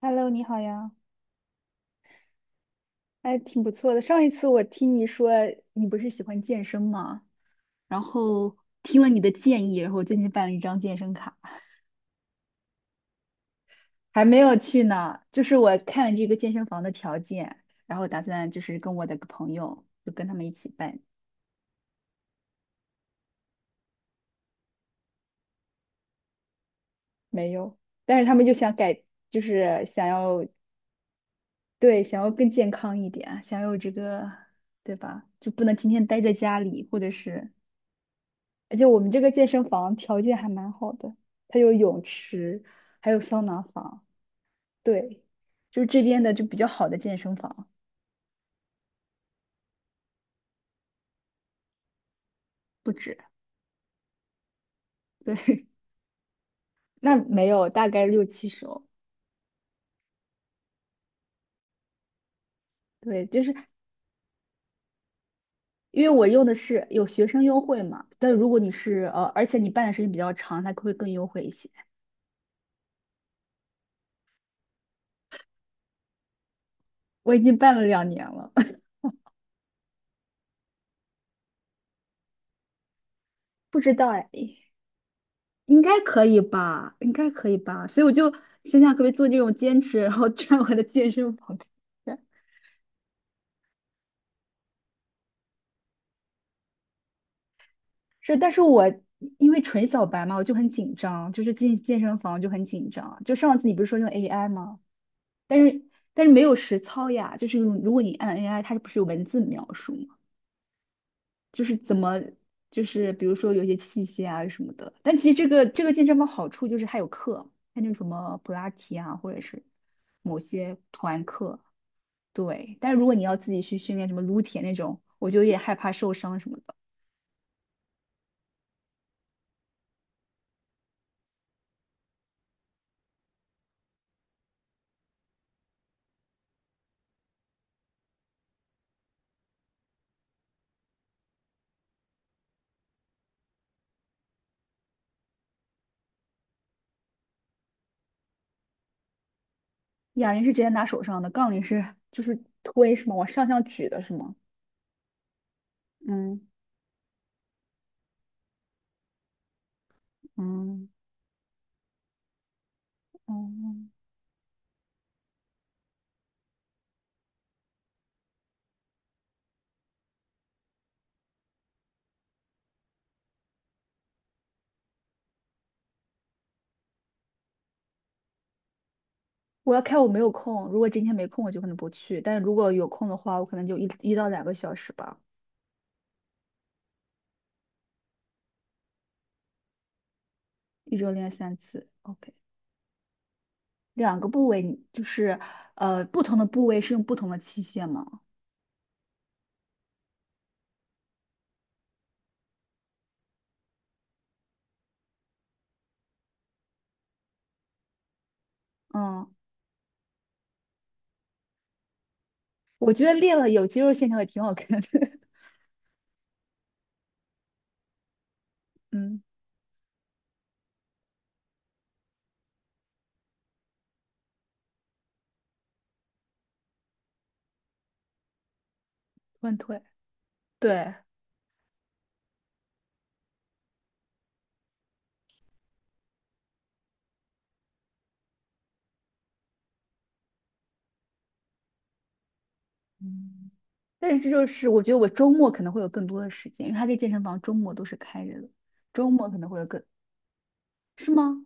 Hello，你好呀，哎，挺不错的。上一次我听你说你不是喜欢健身吗？然后听了你的建议，然后我最近办了一张健身卡，还没有去呢。就是我看了这个健身房的条件，然后打算就是跟我的个朋友，就跟他们一起办。没有，但是他们就想改，就是想要，对，想要更健康一点，想要这个，对吧？就不能天天待在家里，或者是。而且我们这个健身房条件还蛮好的，它有泳池，还有桑拿房，对，就是这边的就比较好的健身房，不止，对，那没有，大概六七十欧，对，就是因为我用的是有学生优惠嘛，但如果你是而且你办的时间比较长，它会更优惠一些。我已经办了两年了，不知道哎，应该可以吧，应该可以吧，所以我就想想可不可以做这种兼职，然后赚我的健身房。是，但是我因为纯小白嘛，我就很紧张，就是进健身房就很紧张。就上次你不是说用 AI 吗？但是但是没有实操呀，就是如果你按 AI，它不是有文字描述吗？就是怎么就是比如说有一些器械啊什么的。但其实这个健身房好处就是它有课，它那什么普拉提啊，或者是某些团课。对，但是如果你要自己去训练什么撸铁那种，我就有点害怕受伤什么的。哑铃是直接拿手上的，杠铃是就是推是吗？往上向举的是吗？嗯。嗯。嗯，我要看我没有空。如果今天没空，我就可能不去。但是如果有空的话，我可能就一到两个小时吧，一周练三次。OK，两个部位你就是不同的部位是用不同的器械嘛？嗯，我觉得练了有肌肉线条也挺好看的。嗯，乱腿。对，嗯，但是这就是我觉得我周末可能会有更多的时间，因为他这健身房周末都是开着的，周末可能会有更，是吗？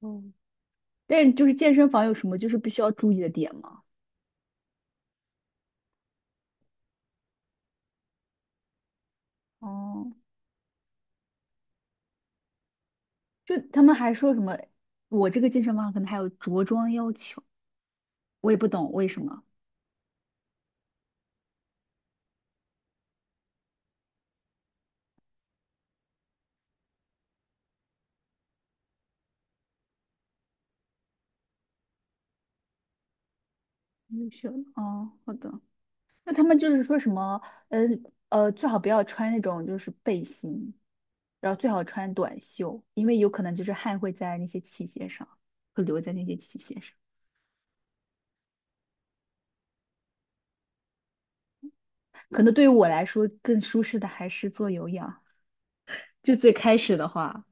嗯，但是就是健身房有什么就是必须要注意的点吗？哦，就他们还说什么，我这个健身房可能还有着装要求，我也不懂为什么。优秀。哦，好的。那他们就是说什么，嗯呃，最好不要穿那种就是背心，然后最好穿短袖，因为有可能就是汗会在那些器械上，会留在那些器械上。可能对于我来说更舒适的还是做有氧。就最开始的话，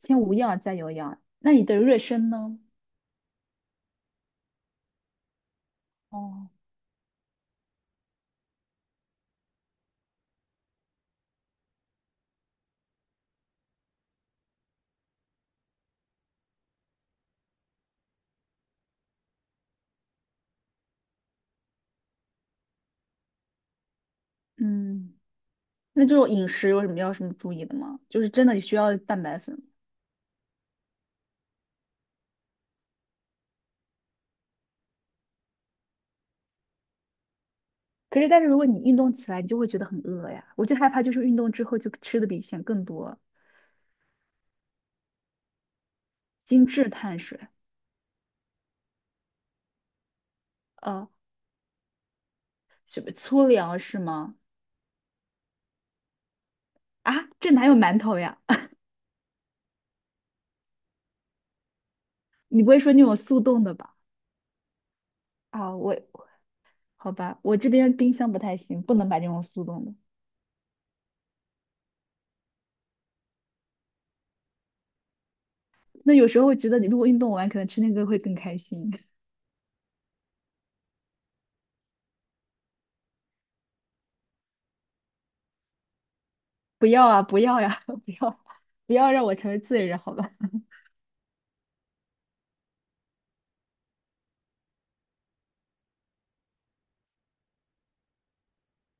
先无氧再有氧。那你的热身呢？哦，嗯，那这种饮食有什么要什么注意的吗？就是真的需要蛋白粉。可是，但是如果你运动起来，你就会觉得很饿呀。我就害怕，就是运动之后就吃的比以前更多精致碳水，呃，什么粗粮是吗？啊，这哪有馒头呀？你不会说那种速冻的吧？啊，我，好吧，我这边冰箱不太行，不能买那种速冻的。那有时候觉得你如果运动完，可能吃那个会更开心。不要啊，不要呀、不要，不要让我成为罪人，好吧？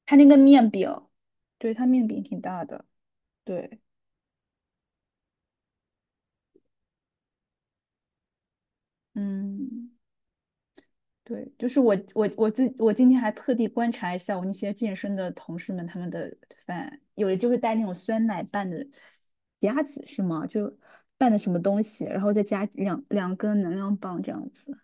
它那个面饼，对，它面饼挺大的，对，嗯，对，就是我今天还特地观察一下我那些健身的同事们他们的饭，有的就是带那种酸奶拌的夹子是吗？就拌的什么东西，然后再加两根能量棒这样子。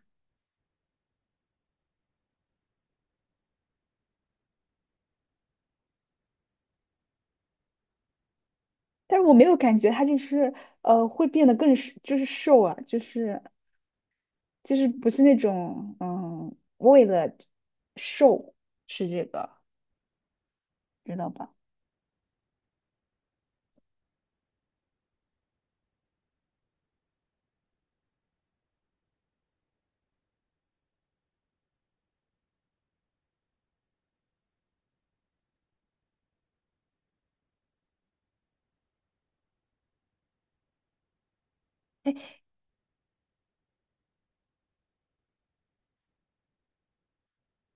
但是我没有感觉他就是会变得更是就是瘦啊，就是不是那种嗯，为了瘦吃这个，知道吧？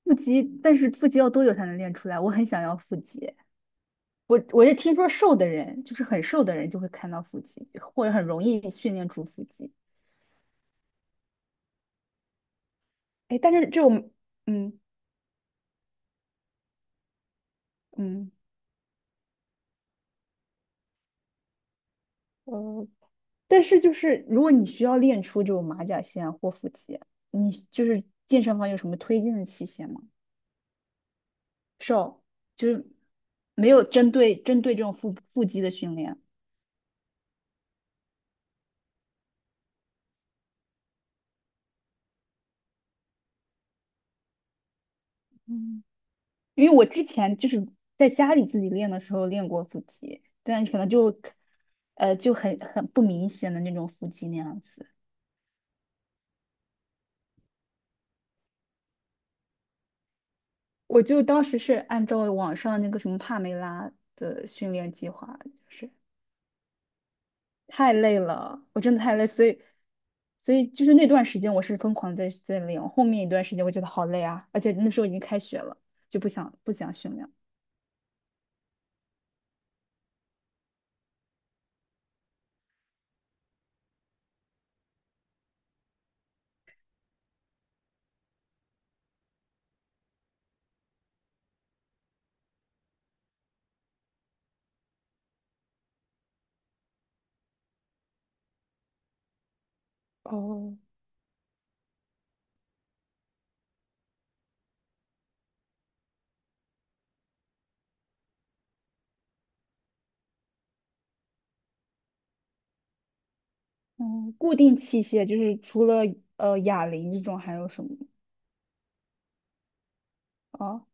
腹肌，但是腹肌要多久才能练出来？我很想要腹肌。我是听说瘦的人，就是很瘦的人就会看到腹肌，或者很容易训练出腹肌。哎，但是这种嗯。嗯。呃，但是就是如果你需要练出这种马甲线啊或腹肌，你就是健身房有什么推荐的器械吗？瘦，就是没有针对这种腹肌的训练。嗯，因为我之前就是在家里自己练的时候练过腹肌，但可能就，就很不明显的那种腹肌那样子。我就当时是按照网上那个什么帕梅拉的训练计划，就是太累了，我真的太累，所以，所以就是那段时间我是疯狂在练，后面一段时间我觉得好累啊，而且那时候已经开学了，就不想训练。哦，嗯，固定器械就是除了哑铃这种还有什么？哦。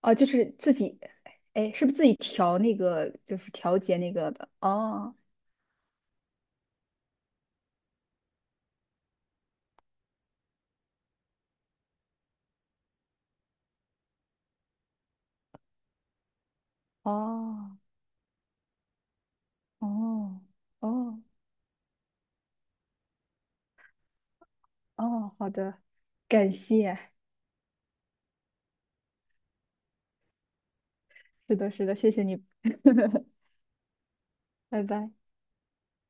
哦，就是自己，哎，是不是自己调那个，就是调节那个的？哦，哦，哦，哦，哦，好的，感谢，是的，是的，谢谢你，拜拜。